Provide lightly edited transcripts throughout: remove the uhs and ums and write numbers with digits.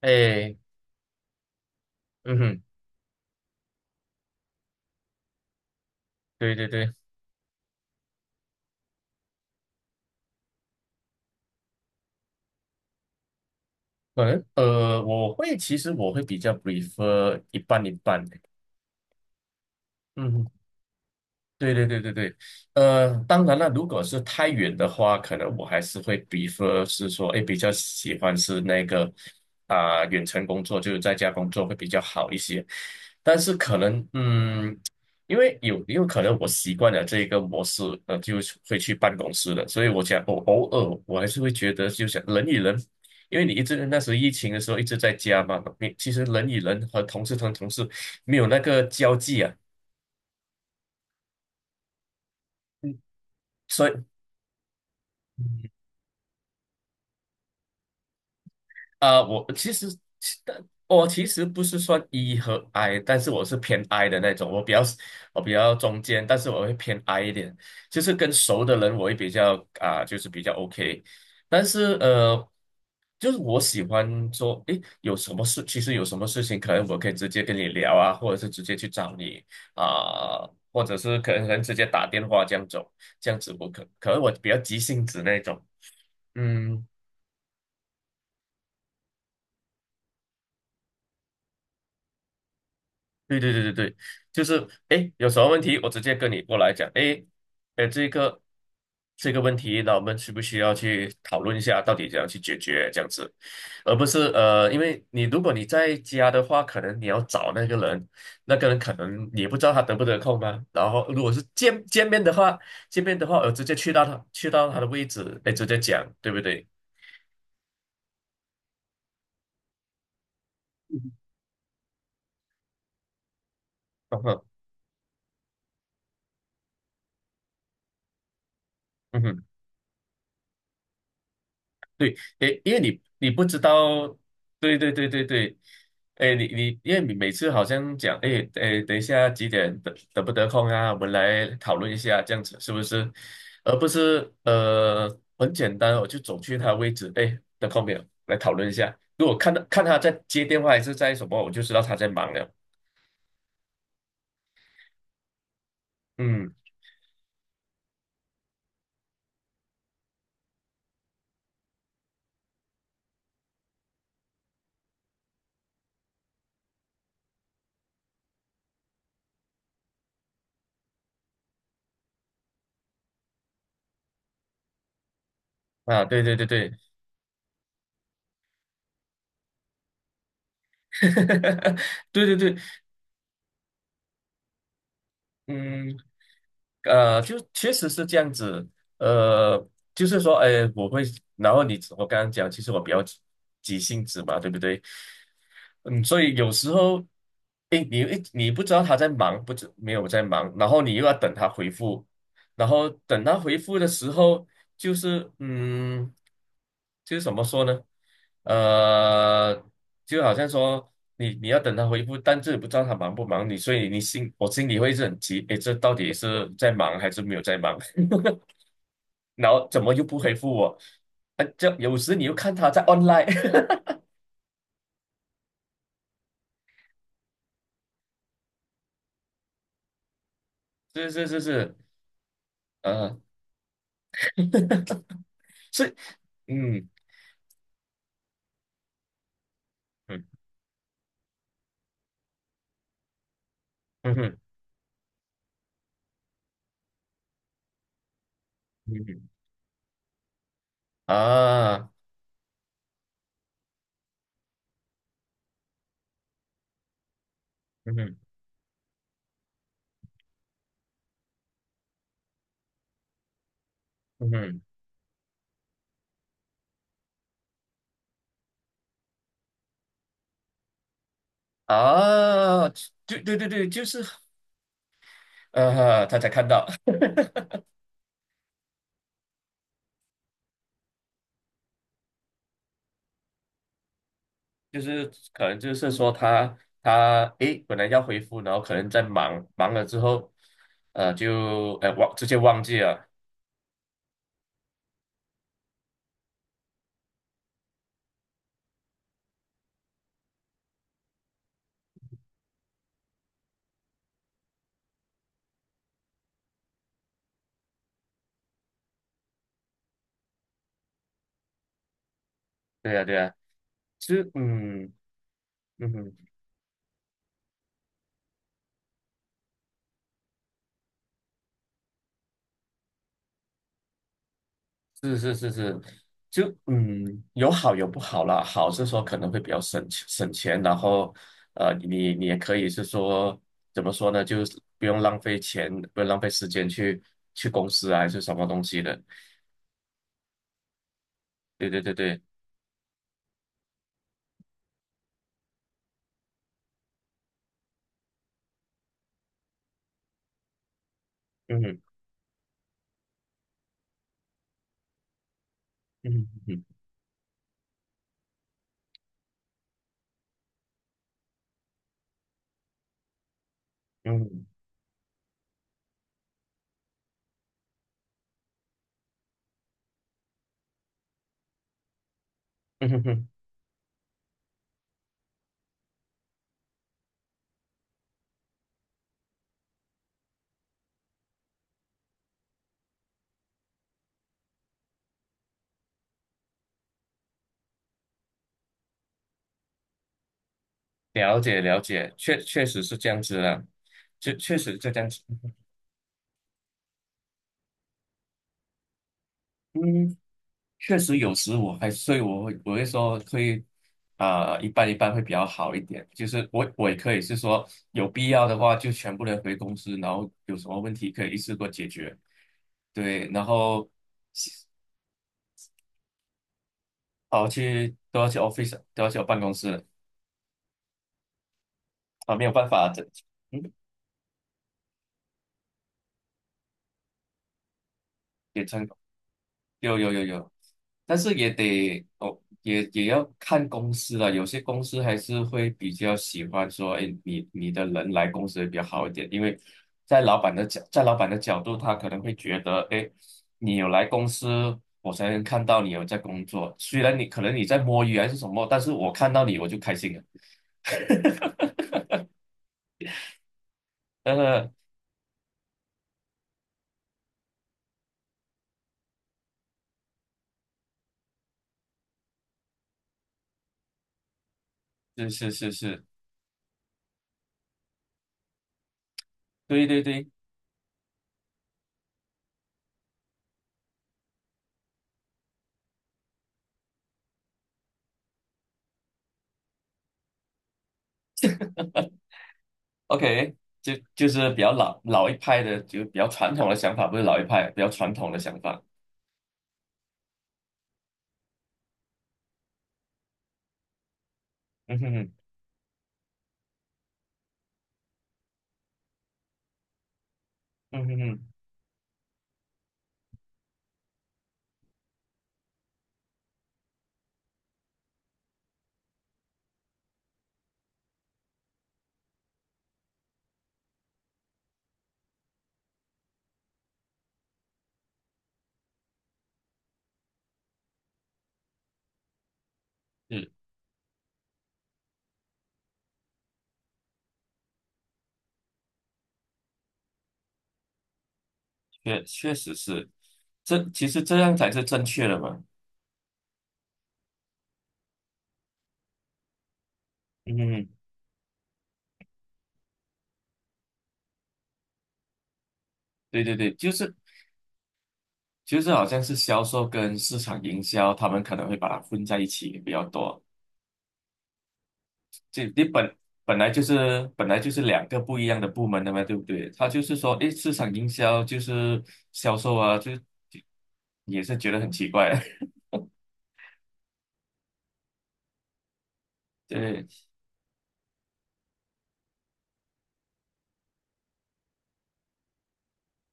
哎，嗯哼，对对对，可能其实我会比较 prefer 一半一半，的，嗯哼。对对对对对，当然了，如果是太远的话，可能我还是会是说，哎，比较喜欢是远程工作，就是在家工作会比较好一些。但是可能，因为有可能我习惯了这一个模式，就是会去办公室了。所以我想偶尔我还是会觉得，就想人与人，因为你一直那时候疫情的时候一直在家嘛，你其实人与人和同事没有那个交际啊，所以。我其实其但我其实不是算 E 和 I，但是我是偏 I 的那种，我比较中间，但是我会偏 I 一点，就是跟熟的人我会比较啊、就是比较 OK，但是就是我喜欢说，诶，有什么事，其实有什么事情，可能我可以直接跟你聊啊，或者是直接去找你啊、或者是可能直接打电话这样走，这样子可能我比较急性子那种，嗯。对对对对对，就是哎，诶有什么问题我直接跟你过来讲，哎，哎，这个问题，那我们需不需要去讨论一下，到底怎样去解决这样子，而不是因为如果你在家的话，可能你要找那个人，那个人可能你也不知道他得不得空嘛，然后如果是见面的话，我直接去到他的位置，哎，直接讲，对不对？嗯哼，嗯哼对，诶，因为你不知道，对对对对对，诶，因为你每次好像讲，诶诶，等一下几点得不得空啊？我们来讨论一下，这样子是不是？而不是很简单哦，我就走去他位置，诶，得空没有？来讨论一下。如果看他在接电话还是在什么，我就知道他在忙了。嗯，啊，对对对对，对对对，嗯。就确实是这样子，呃，就是说，哎，我会，然后我刚刚讲，其实我比较急性子嘛，对不对？嗯，所以有时候，诶，你不知道他在忙，不知没有在忙，然后你又要等他回复，然后等他回复的时候，就是嗯，就是怎么说呢？呃，就好像说你要等他回复，但是不知道他忙不忙你，所以我心里会是很急，诶，这到底是在忙还是没有在忙？然后怎么又不回复我？啊，这有时你又看他在 online，是是是是，呃。是，嗯嗯嗯哼嗯哼啊嗯哼嗯哼啊，对对对对，就是他才看到，就是可能就是说他诶，本来要回复，然后可能在忙了之后，就直接忘记了，对呀、对呀、是嗯嗯哼是是是是，就有好有不好啦。好是说可能会比较省钱，然后你也可以是说怎么说呢，就是不用浪费钱，不用浪费时间去公司啊，还是什么东西的。对对对对，嗯哼嗯哼嗯哼嗯哼嗯哼了解了解，确实是这样子的，确实是这样子。嗯。确实有时我还，所以我会说会，啊一半一半会比较好一点。就是我也可以是说有必要的话，就全部人回公司，然后有什么问题可以一次过解决。对，然后都要去 office，都要去我办公室啊，没有办法的，这嗯，也成有有有有，但是也得哦，也要看公司了。有些公司还是会比较喜欢说，哎，你的人来公司会比较好一点，因为在老板的角度，他可能会觉得，哎，你有来公司，我才能看到你有在工作。虽然你可能你在摸鱼还是什么，但是我看到你我就开心了。呃，是是是是，对对对，OK，就是比较老一派的，就比较传统的想法，不是老一派，比较传统的想法。嗯哼哼，嗯哼哼，是确实是，这其实这样才是正确的嘛。嗯哼哼，对对对，就是好像是销售跟市场营销，他们可能会把它混在一起比较多。这你本本来就是本来就是两个不一样的部门的嘛，对不对？他就是说，诶，市场营销就是销售啊，就也是觉得很奇怪。对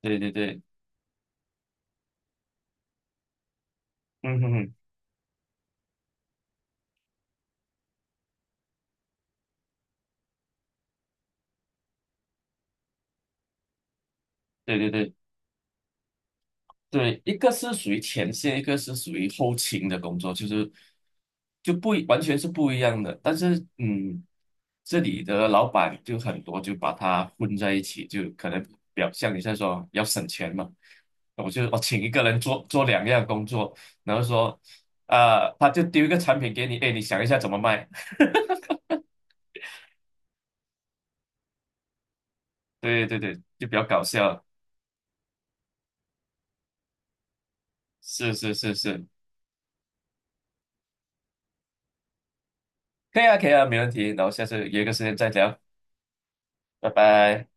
对对对，嗯哼哼，对对对。对，一个是属于前线，一个是属于后勤的工作，就是就不一完全是不一样的。但是，这里的老板就很多，就把它混在一起，就可能表象你在说要省钱嘛，我请一个人做两样工作，然后说，啊、他就丢一个产品给你，哎，你想一下怎么卖？对对对，就比较搞笑。是是是是，可以啊可以啊，没问题。然后下次约个时间再聊，拜拜。